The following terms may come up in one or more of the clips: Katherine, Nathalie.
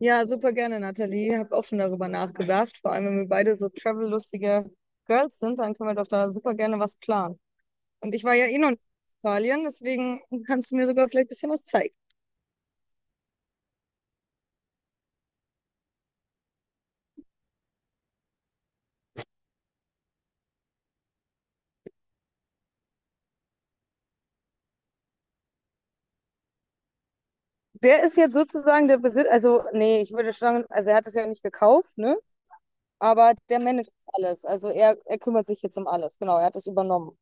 Ja, super gerne, Nathalie. Hab auch schon darüber nachgedacht. Vor allem, wenn wir beide so travel-lustige Girls sind, dann können wir doch da super gerne was planen. Und ich war ja eh noch nicht in Italien, deswegen kannst du mir sogar vielleicht ein bisschen was zeigen. Der ist jetzt sozusagen der Besitz, also nee, ich würde sagen, also er hat es ja nicht gekauft, ne? Aber der managt alles. Also er kümmert sich jetzt um alles. Genau, er hat es übernommen.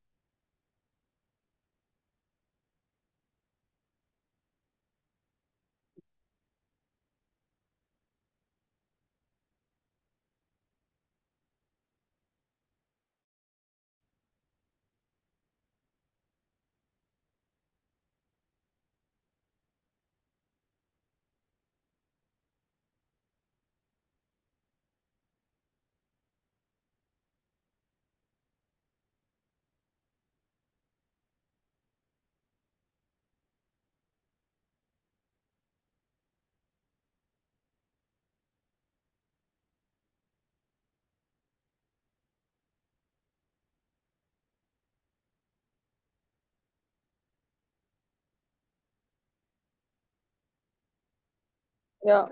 Ja,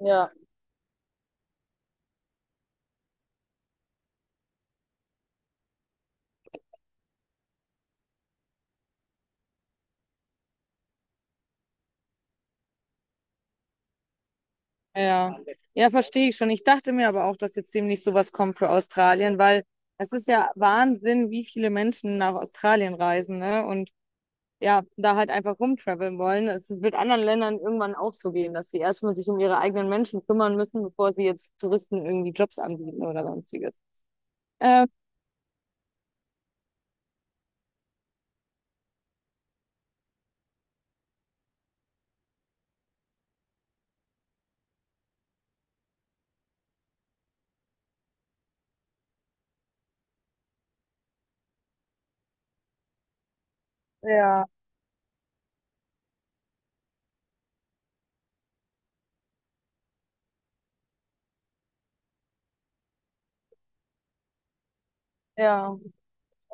ja. Ja, ja, verstehe ich schon. Ich dachte mir aber auch, dass jetzt demnächst sowas kommt für Australien, weil es ist ja Wahnsinn, wie viele Menschen nach Australien reisen, ne? Und ja, da halt einfach rumtraveln wollen. Es wird anderen Ländern irgendwann auch so gehen, dass sie erstmal sich um ihre eigenen Menschen kümmern müssen, bevor sie jetzt Touristen irgendwie Jobs anbieten oder sonstiges. Ähm, ja, ja.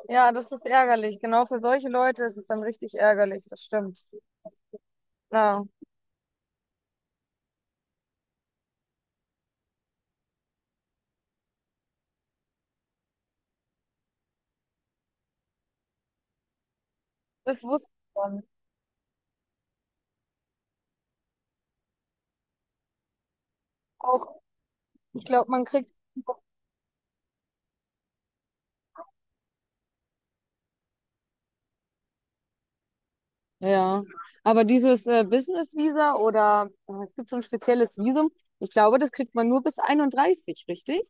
Ja, das ist ärgerlich. Genau für solche Leute ist es dann richtig ärgerlich, das stimmt. Ja, das wusste ich schon. Auch, ich glaube, man kriegt. Ja, aber dieses Business Visa oder es gibt so ein spezielles Visum, ich glaube, das kriegt man nur bis 31, richtig?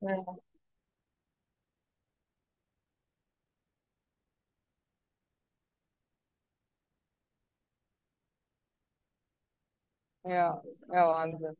Ja, ja, ja, Wahnsinn.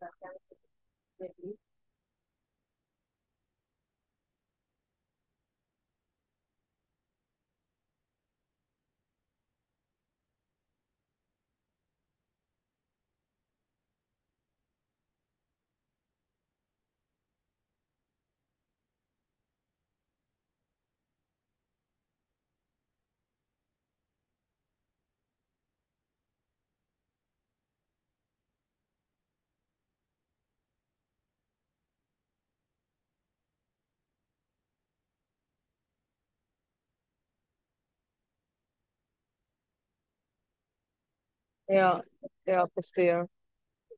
Ja, ja, verstehe.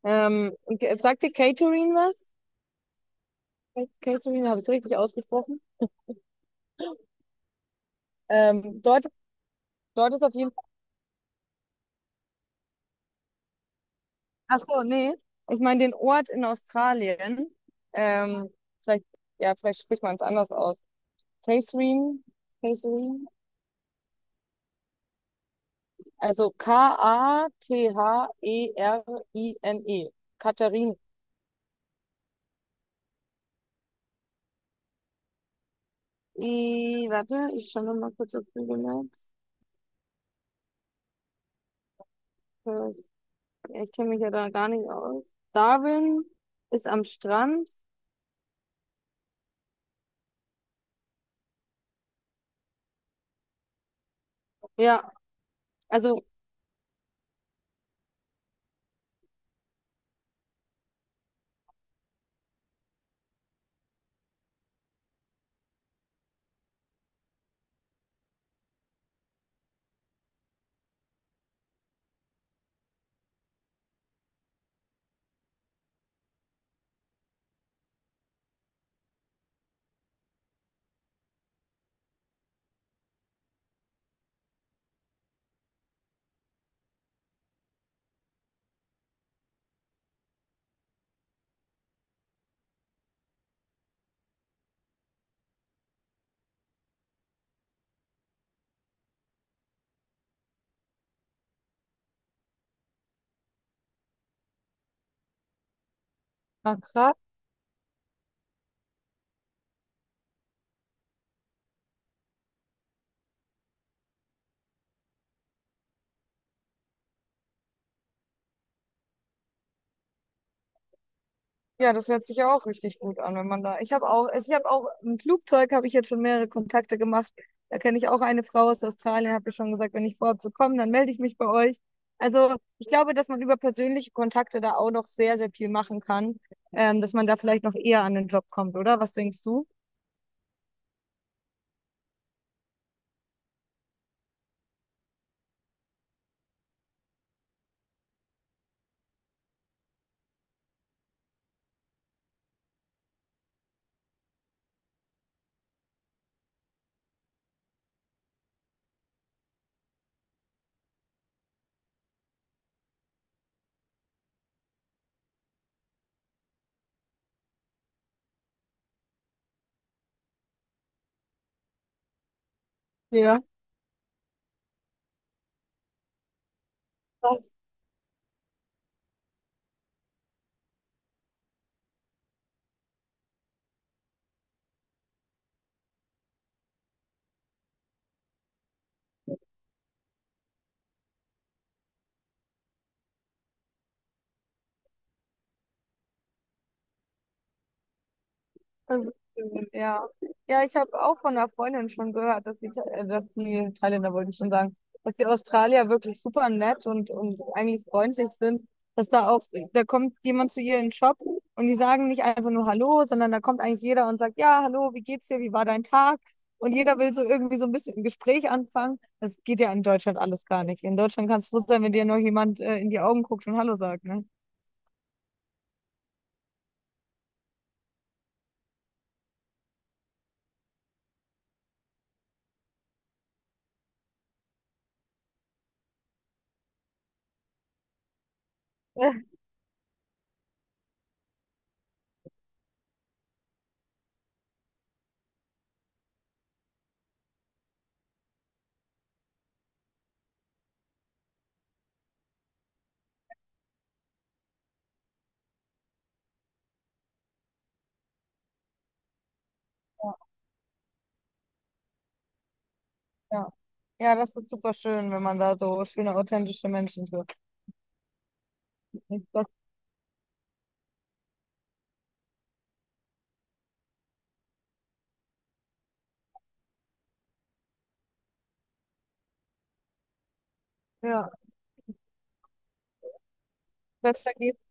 Und sagt dir Catering was? Catering, habe ich es richtig ausgesprochen? Dort, dort ist auf jeden Fall. Ach so, nee. Ich meine den Ort in Australien. Ähm, vielleicht, ja, vielleicht spricht man es anders aus. Catering, Catering. Also Katherine. Katharin. I, N E. Katharine. I, warte, ich schaue noch mal kurz auf Google Maps. Das- ich kenne mich ja da gar nicht aus. Darwin ist am Strand. Ja, also. Ja, das hört sich ja auch richtig gut an, wenn man da. Ich habe auch, also ich habe auch im Flugzeug habe ich jetzt schon mehrere Kontakte gemacht. Da kenne ich auch eine Frau aus Australien, habe ich schon gesagt, wenn ich vorhabe zu kommen, dann melde ich mich bei euch. Also ich glaube, dass man über persönliche Kontakte da auch noch sehr, sehr viel machen kann, dass man da vielleicht noch eher an den Job kommt, oder? Was denkst du? Ja. Das ja. Ja, ich habe auch von einer Freundin schon gehört, dass dass die Thailänder, wollte ich schon sagen, dass die Australier wirklich super nett und eigentlich freundlich sind. Dass da auch, da kommt jemand zu ihr in den Shop und die sagen nicht einfach nur Hallo, sondern da kommt eigentlich jeder und sagt, ja, hallo, wie geht's dir, wie war dein Tag? Und jeder will so irgendwie so ein bisschen ein Gespräch anfangen. Das geht ja in Deutschland alles gar nicht. In Deutschland kannst du froh sein, wenn dir nur jemand in die Augen guckt und Hallo sagt, ne? Ja. Ja, das ist super schön, wenn man da so schöne, authentische Menschen trifft. Besser, ja, besser geht's.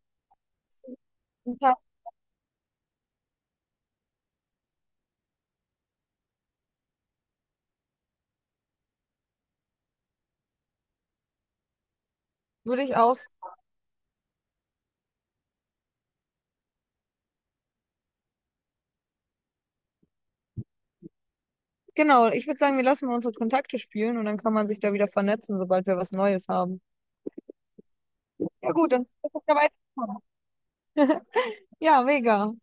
Guten. Würde ich aus. Genau, ich würde sagen, wir lassen mal unsere Kontakte spielen und dann kann man sich da wieder vernetzen, sobald wir was Neues haben. Ja gut, dann ist es ja weiterkommen. Ja, mega.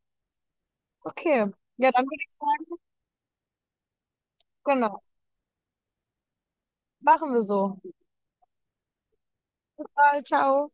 Okay. Ja, dann würde ich, genau, machen wir so. Bye, ciao.